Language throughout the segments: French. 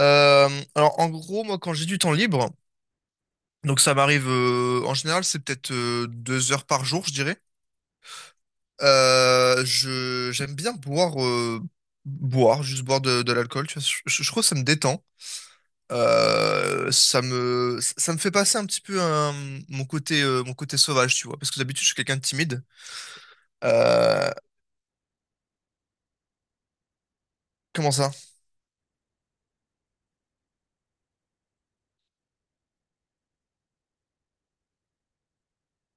Euh, alors en gros, moi quand j'ai du temps libre, donc ça m'arrive, en général c'est peut-être, 2 heures par jour, je dirais. Je j'aime bien boire, boire, juste boire de l'alcool. Tu vois, je trouve que ça me détend. Ça me fait passer un petit peu mon côté, mon côté sauvage, tu vois. Parce que d'habitude je suis quelqu'un de timide. Euh, Comment ça?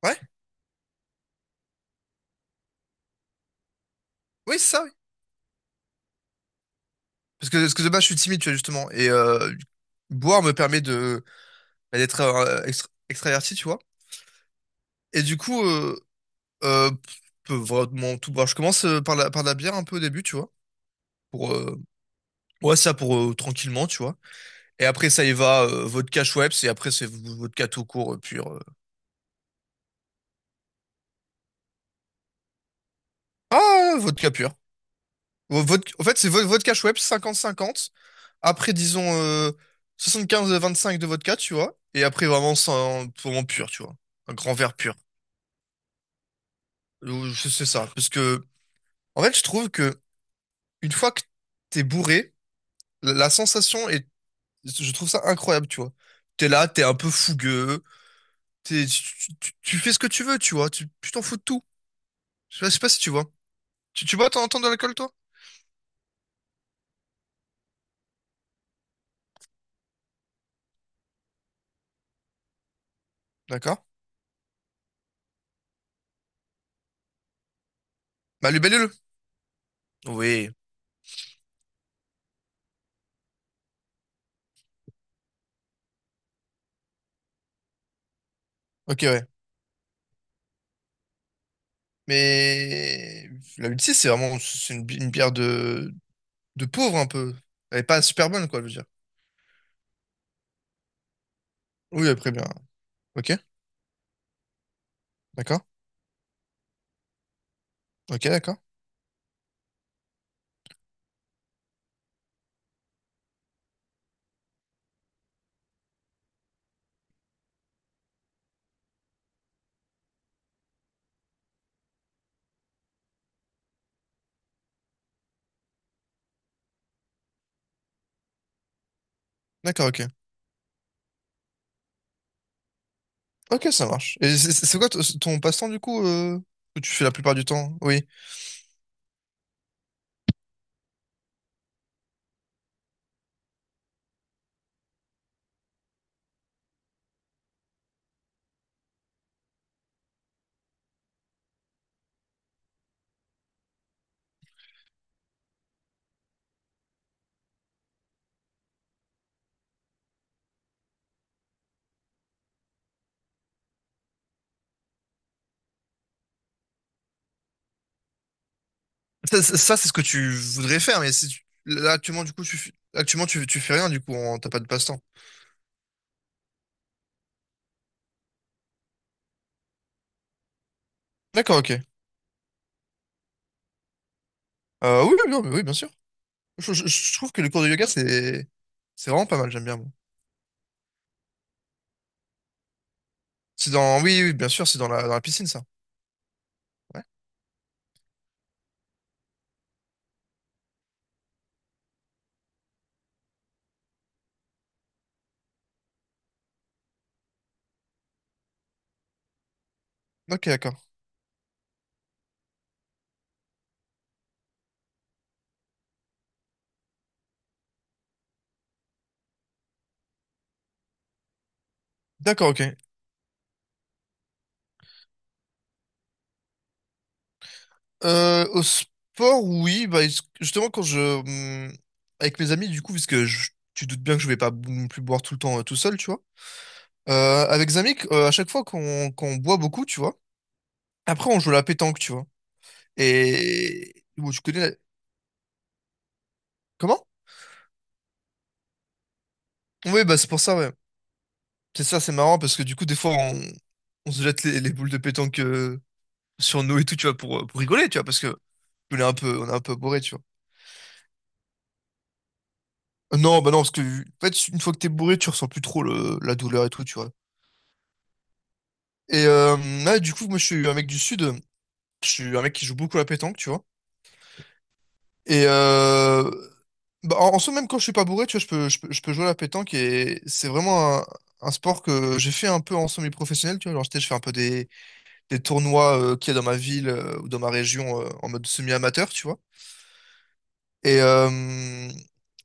Ouais, oui c'est ça. Oui. Parce que de base je suis timide, tu vois justement. Et boire me permet de, bah, d'être, extraverti, tu vois. Et du coup, euh, vraiment tout. Bon, je commence, par la bière un peu au début, tu vois. Pour, ouais, ça pour, tranquillement, tu vois. Et après, ça y va, vodka Schweppes, et après, c'est vodka tout court, pur. Ah, vodka pur. En fait, c'est vodka Schweppes 50/50. Après, disons, 25 de vodka, tu vois. Et après, vraiment, sans, vraiment pur, tu vois. Un grand verre pur. C'est ça. Parce que, en fait, je trouve que une fois que t'es bourré, la sensation est, je trouve ça incroyable, tu vois. T'es là, t'es un peu fougueux, tu fais ce que tu veux, tu vois. Tu t'en fous de tout. Je sais pas si tu vois. Tu bois, t'en entends de l'alcool, toi? D'accord. Bah, le Bellule. Oui. Ok, ouais. Mais la 86, c'est vraiment une bière de pauvre, un peu. Elle est pas super bonne, quoi, je veux dire. Oui, après, bien. Ok, d'accord. Ok, d'accord. D'accord, ok. Ok, ça marche. Et c'est quoi ton passe-temps, du coup, que tu fais la plupart du temps? Oui. Ça c'est ce que tu voudrais faire, mais si tu- là, actuellement, du coup, actuellement, tu fais rien, du coup, t'as pas de passe-temps. D'accord, ok. Oui, oui, non, mais oui, bien sûr. Je trouve que le cours de yoga, c'est vraiment pas mal, j'aime bien, moi. C'est dans, oui, oui, bien sûr, c'est dans la piscine, ça. Ouais. Ok, d'accord. D'accord, ok. Au sport, oui, bah, justement, quand je, avec mes amis, du coup, puisque je, tu doutes bien que je vais pas non plus boire tout le temps, tout seul, tu vois. Avec Zamik, à chaque fois qu'on boit beaucoup, tu vois, après on joue à la pétanque, tu vois. Et, bon, tu connais Comment? Oui, bah c'est pour ça, ouais. C'est ça, c'est marrant, parce que du coup, des fois, on se jette les boules de pétanque, sur nous et tout, tu vois, pour rigoler, tu vois, parce que on est un peu bourré, tu vois. Non, bah non, parce que en fait, une fois que t'es bourré, tu ressens plus trop la douleur et tout, tu vois. Et là, du coup, moi, je suis un mec du Sud, je suis un mec qui joue beaucoup à la pétanque, tu vois. Et bah, en soi, même quand je suis pas bourré, tu vois, je peux jouer à la pétanque et c'est vraiment un sport que j'ai fait un peu en semi-professionnel, tu vois. Genre, je fais un peu des tournois, qu'il y a dans ma ville, ou dans ma région, en mode semi-amateur, tu vois. Et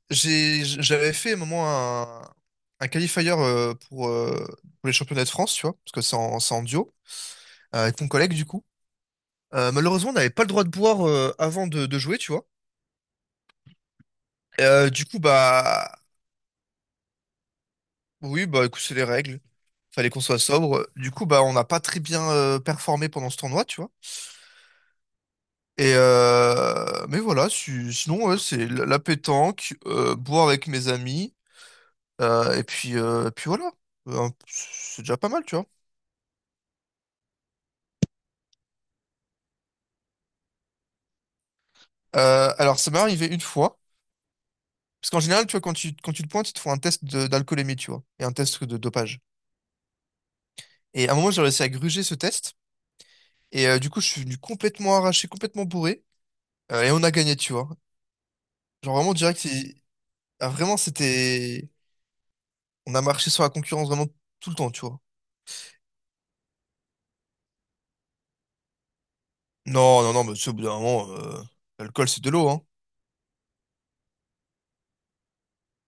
j'avais fait à un moment un qualifier, pour les championnats de France, tu vois, parce que c'est en duo, avec mon collègue, du coup. Malheureusement, on n'avait pas le droit de boire, avant de jouer, tu vois. Du coup, bah, oui, bah écoute, c'est les règles. Fallait qu'on soit sobre. Du coup, bah on n'a pas très bien, performé pendant ce tournoi, tu vois. Et mais voilà, sinon ouais, c'est la pétanque, boire avec mes amis, et puis voilà. C'est déjà pas mal, tu vois. Alors ça m'est arrivé une fois, parce qu'en général, tu vois, quand tu te pointes, ils te font un test d'alcoolémie, tu vois, et un test de dopage. Et à un moment, j'ai réussi à gruger ce test, et du coup, je suis venu complètement arraché, complètement bourré, et on a gagné, tu vois. Genre vraiment direct, ils. Ah, vraiment, c'était. On a marché sur la concurrence vraiment tout le temps, tu vois. Non, non, non, mais tu sais, au bout d'un moment, l'alcool, c'est de l'eau, hein.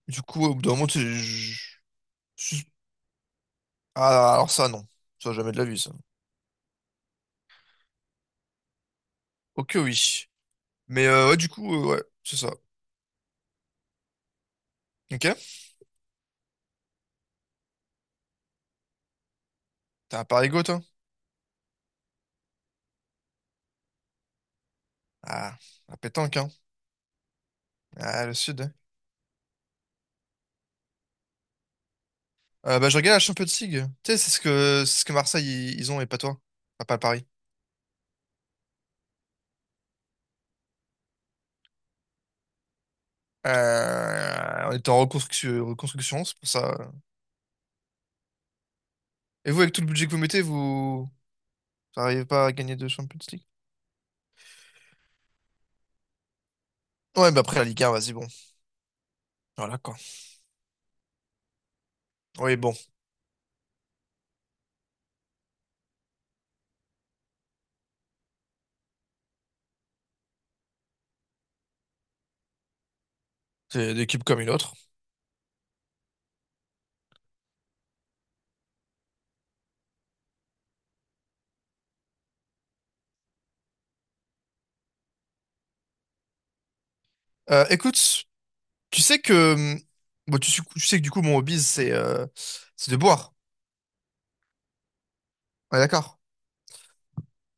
Du coup, au bout d'un moment, tu sais, je- ah, alors ça, non. Ça, jamais de la vie, ça. Ok, oui. Mais ouais, du coup, ouais, c'est ça. Ok? T'as un Paris-Go, toi? Ah, la pétanque, hein. Ah, le sud, hein. Bah, je regarde la Champions League. Tu sais, c'est ce que Marseille, ils ont, et pas toi. Enfin, pas le Paris. On était en reconstruction, c'est pour ça. Et vous, avec tout le budget que vous mettez, vous. T'arrives pas à gagner de Champions League? Ouais, bah après la Ligue 1, vas-y, bon. Voilà quoi. Oui, bon, c'est une équipe comme une autre. Écoute, tu sais que. Bon, tu sais que du coup, mon hobby, c'est, c'est de boire. Ouais, d'accord.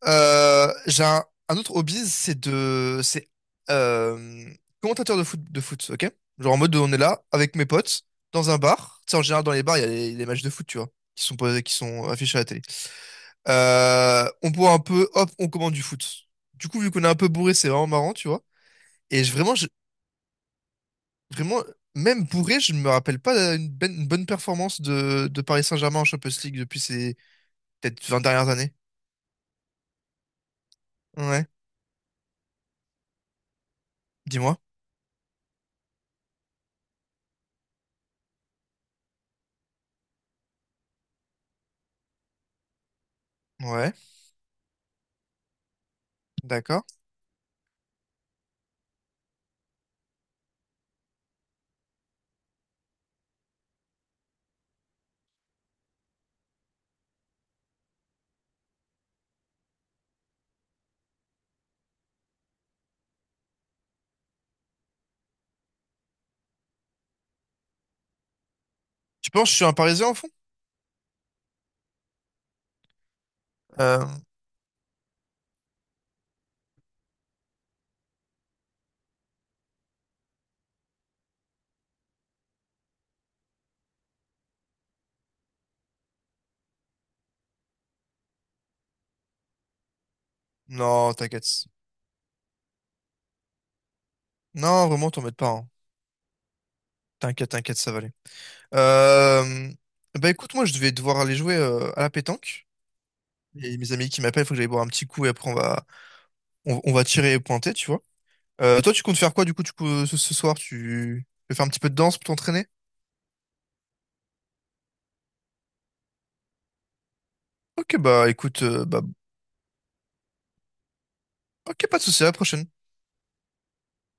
J'ai un autre hobby, c'est de. C'est, euh, commentateur de foot, ok? Genre en mode, on est là avec mes potes, dans un bar. Tu sais, en général, dans les bars, il y a les matchs de foot, tu vois, qui sont affichés à la télé. On boit un peu, hop, on commande du foot. Du coup, vu qu'on est un peu bourré, c'est vraiment marrant, tu vois. Et vraiment, même bourré, je ne me rappelle pas une bonne performance de Paris Saint-Germain en Champions League depuis ces peut-être 20 dernières années. Ouais, dis-moi. Ouais, d'accord. Tu penses que je suis un Parisien au fond? Euh, non, t'inquiète. Non, vraiment, t'en mets pas, hein. T'inquiète, ça va aller. Euh, Bah écoute, moi, je devais devoir aller jouer, à la pétanque. Et mes amis qui m'appellent, il faut que j'aille boire un petit coup et après on va tirer et pointer, tu vois. Toi, tu comptes faire quoi du coup, ce soir? Tu veux faire un petit peu de danse pour t'entraîner? Ok, bah écoute, bah, ok, pas de souci, à la prochaine.